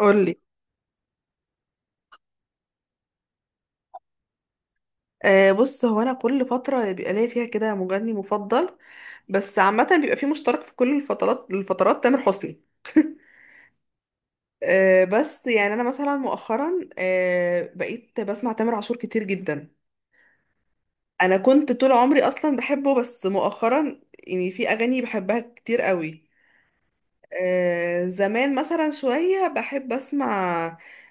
قولي. آه بص، هو انا كل فتره بيبقى ليا فيها كده مغني مفضل، بس عامه بيبقى فيه مشترك في كل الفترات تامر حسني. آه بس يعني انا مثلا مؤخرا آه بقيت بسمع تامر عاشور كتير جدا. انا كنت طول عمري اصلا بحبه بس مؤخرا يعني في اغاني بحبها كتير قوي. آه زمان مثلا شويه بحب اسمع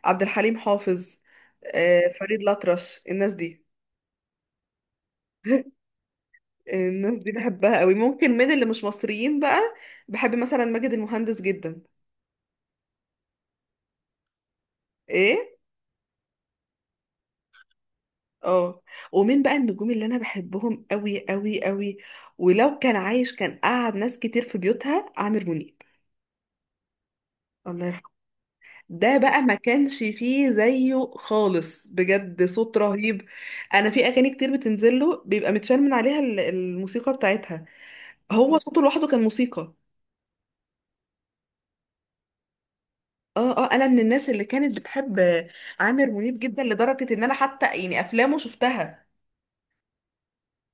عبد الحليم حافظ، آه فريد الأطرش، الناس دي. الناس دي بحبها قوي. ممكن من اللي مش مصريين بقى، بحب مثلا ماجد المهندس جدا. ايه، اه، ومين بقى النجوم اللي انا بحبهم قوي قوي قوي، ولو كان عايش كان قعد ناس كتير في بيوتها، عامر منيب. الله يرحمه. ده بقى ما كانش فيه زيه خالص، بجد صوت رهيب. انا في اغاني كتير بتنزل له بيبقى متشال من عليها الموسيقى بتاعتها. هو صوته لوحده كان موسيقى. اه اه، انا من الناس اللي كانت بتحب عامر منيب جدا، لدرجه ان انا حتى يعني افلامه شفتها.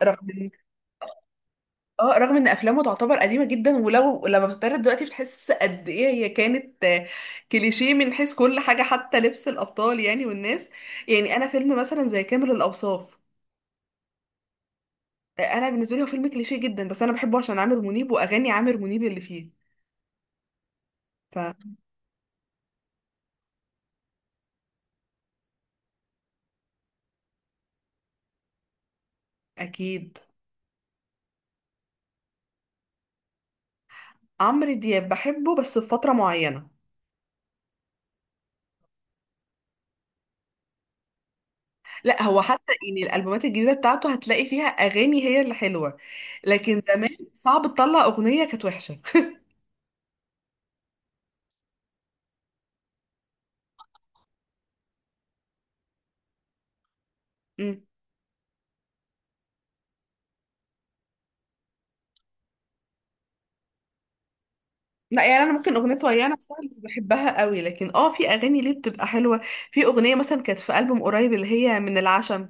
رغم إن- اه، رغم ان افلامه تعتبر قديمه جدا، ولو لما بتتعرض دلوقتي بتحس قد ايه هي كانت آه، كليشيه من حيث كل حاجه، حتى لبس الابطال يعني والناس. يعني انا فيلم مثلا زي كامل الاوصاف، آه، انا بالنسبه لي هو فيلم كليشيه جدا، بس انا بحبه عشان عامر منيب واغاني عامر منيب اللي فيه. فاكيد. عمرو دياب بحبه بس في فتره معينه. لا هو حتى يعني الالبومات الجديده بتاعته هتلاقي فيها اغاني هي اللي حلوه، لكن زمان صعب تطلع اغنيه كانت وحشه. امم. لا يعني انا ممكن اغنيه ويانا بصراحه مش بحبها قوي، لكن اه في اغاني ليه بتبقى حلوه. في اغنيه مثلا كانت في البوم قريب اللي هي من العشم.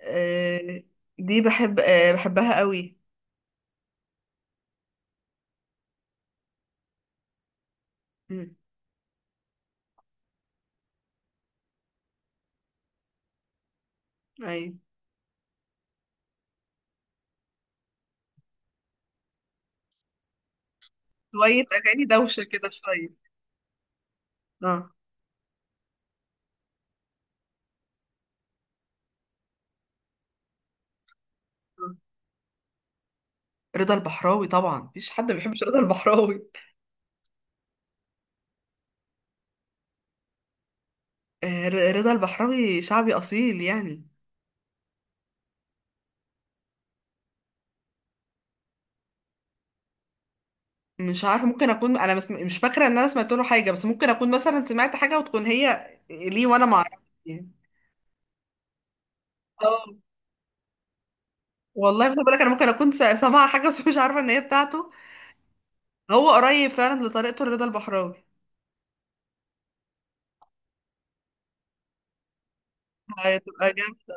آه. دي بحب، آه بحبها قوي. امم. ايوه. شويه اغاني دوشه كده شويه. اه. آه. رضا البحراوي طبعا مفيش حد ما بيحبش رضا البحراوي. رضا البحراوي شعبي اصيل يعني. مش عارفه، ممكن اكون انا بس مش فاكره ان انا سمعت له حاجه، بس ممكن اكون مثلا سمعت حاجه وتكون هي ليه وانا ما اعرفش يعني. اه والله خد بالك، انا ممكن اكون سامعه حاجه بس مش عارفه ان هي بتاعته. هو قريب فعلا لطريقته لرضا البحراوي. هتبقى جامده.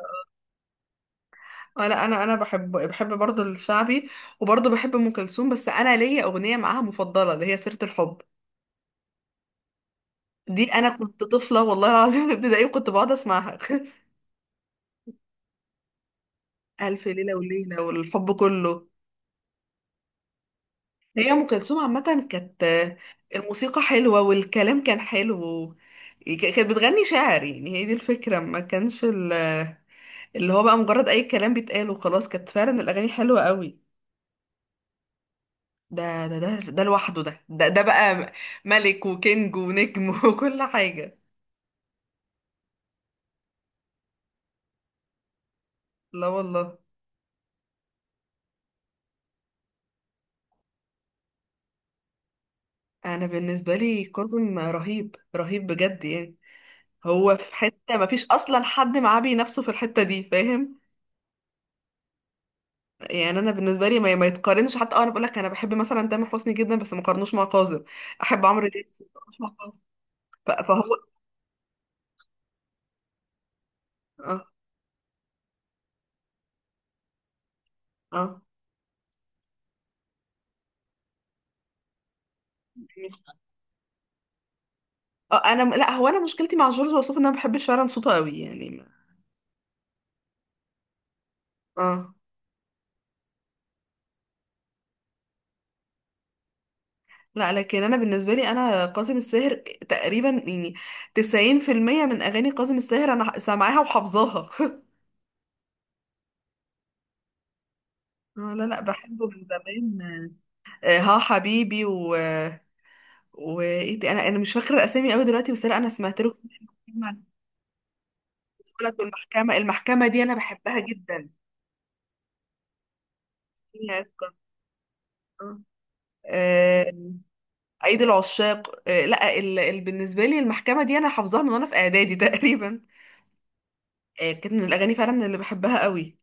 انا بحب برضه الشعبي، وبرضه بحب ام كلثوم. بس انا ليا اغنيه معاها مفضله اللي هي سيره الحب. دي انا كنت طفله والله العظيم في ابتدائي وكنت بقعد اسمعها. الف ليله وليله والحب كله. هي ام كلثوم عامه كانت الموسيقى حلوه والكلام كان حلو. كانت بتغني شعر، يعني هي دي الفكره، ما كانش اللي هو بقى مجرد اي كلام بيتقال وخلاص، كانت فعلا الاغاني حلوه قوي. ده ده ده ده لوحده، ده ده ده بقى ملك وكينج ونجم وكل حاجه. لا والله. انا بالنسبه لي كاظم رهيب رهيب بجد يعني. هو في حته ما فيش اصلا حد معاه بينافسه في الحته دي، فاهم. يعني انا بالنسبه لي ما يتقارنش حتى. اه انا بقول لك انا بحب مثلا تامر حسني جدا بس ما قارنوش مع كاظم، احب عمرو دياب بس ما قارنوش مع كاظم. فهو اه اه اه، انا لا، هو انا مشكلتي مع جورج وسوف ان انا ما بحبش فعلا صوته قوي يعني اه. لا لكن انا بالنسبه لي انا كاظم الساهر تقريبا يعني 90% من اغاني كاظم الساهر انا سامعاها وحافظاها. اه لا لا، بحبه من زمان. آه، آه، ها حبيبي، و وايه تاني؟ انا انا مش فاكره الاسامي قوي دلوقتي، بس لا انا سمعت له. لك المحكمة دي أنا بحبها جدا. هي كانت- آه، عيد العشاق، آه، لا بالنسبة لي المحكمة دي أنا حافظاها من وأنا في إعدادي تقريبا. آه، كانت من الأغاني فعلا اللي بحبها قوي.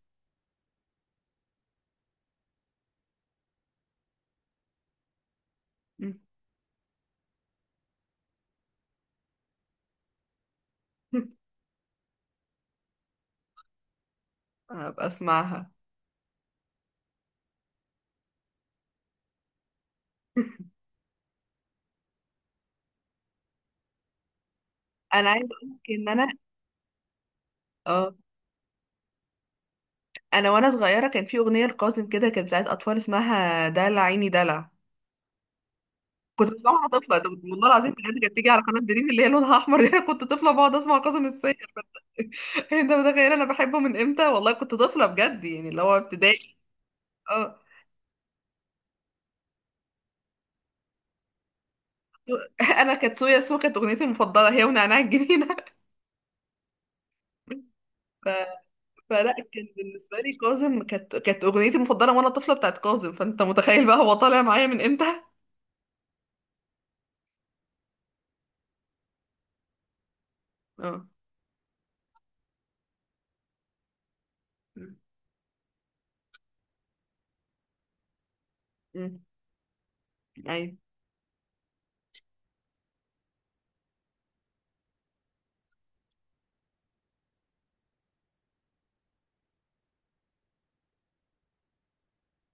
مم. هبقى أسمعها. أنا عايزة أقولك إن أنا اه أنا وأنا صغيرة كان في أغنية لقاسم كده كانت بتاعت أطفال، اسمها دلع عيني دلع. كنت بسمعها وأنا طفلة، ده والله العظيم بجد، كانت بتيجي على قناة دريم اللي هي لونها أحمر دي. أنا كنت طفلة بقعد أسمع قاسم الساهر. انت متخيل انا بحبه من امتى، والله كنت طفله بجد يعني اللي هو ابتدائي. اه. انا كانت سويا سو كانت اغنيتي المفضله، هي ونعناع الجنينه. ف... فلا كان بالنسبه لي كاظم، كانت اغنيتي المفضله وانا طفله بتاعت كاظم، فانت متخيل بقى هو طالع معايا من امتى. اه. امم. ايوه.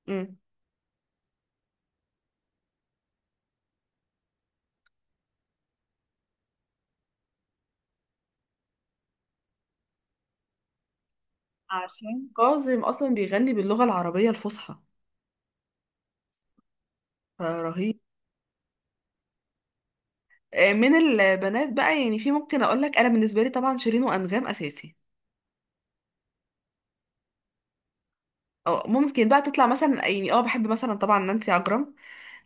امم. عشان كاظم اصلا بيغني باللغه العربيه الفصحى، فرهيب. آه، من البنات بقى يعني، في ممكن اقول لك انا بالنسبه لي طبعا شيرين وانغام اساسي. اه ممكن بقى تطلع مثلا يعني اه بحب مثلا طبعا نانسي عجرم،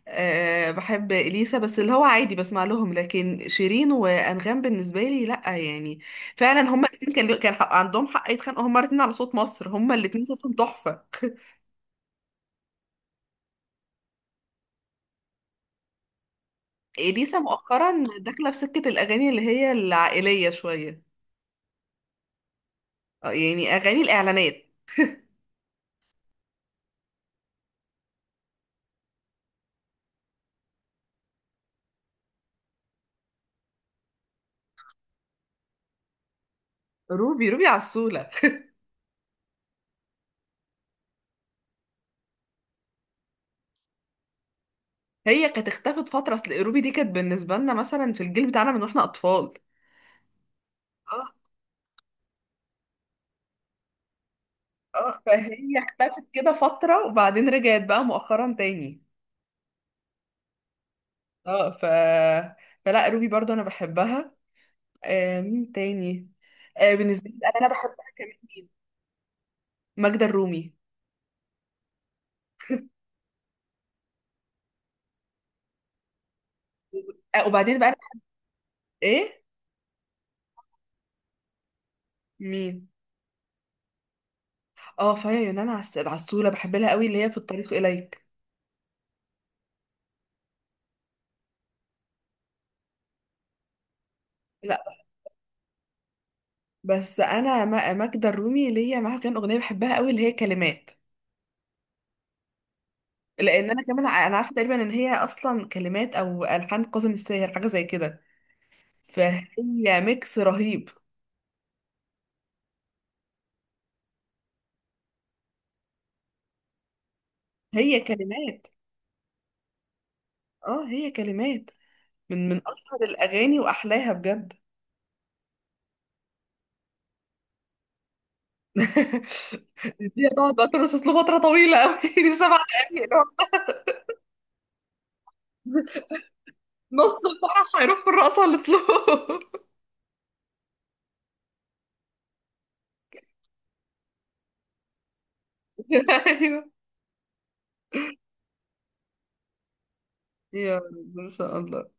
أه بحب اليسا، بس اللي هو عادي بسمع لهم. لكن شيرين وانغام بالنسبه لي لا يعني، فعلا هما الاثنين كان كان حق عندهم، حق يتخانقوا هما الاثنين على صوت مصر، هما الاثنين صوتهم تحفه. اليسا مؤخرا داخله في سكه الاغاني اللي هي العائليه شويه، اه يعني اغاني الاعلانات. روبي. روبي عسوله. هي كانت اختفت فتره، اصل روبي دي كانت بالنسبه لنا مثلا في الجيل بتاعنا من واحنا اطفال. آه. اه، فهي اختفت كده فترة وبعدين رجعت بقى مؤخرا تاني. اه، ف فلا روبي برضو انا بحبها. آه مين تاني، آه بالنسبة لي بقى انا بحبها كمان، مين؟ ماجدة الرومي. آه وبعدين بقى أنا بحب- ايه مين؟ اه فيا يونان عسولة، بحب لها قوي، اللي هي في الطريق اليك. لا بس انا ماجدة الرومي ليا معاها كان اغنية بحبها قوي اللي هي كلمات. لان انا كمان انا عارفة تقريبا ان هي اصلا كلمات او الحان كاظم الساهر حاجة زي كده، فهي ميكس رهيب. هي كلمات، اه هي كلمات، من اشهر الاغاني واحلاها بجد. دي هتقعد بقى ترقص اسلوب فتره طويله قوي. دي 7 دقايق اللي هو، نص الفرح هيروح في الرقصه على الاسلوب. ايوه. يا رب ان شاء الله.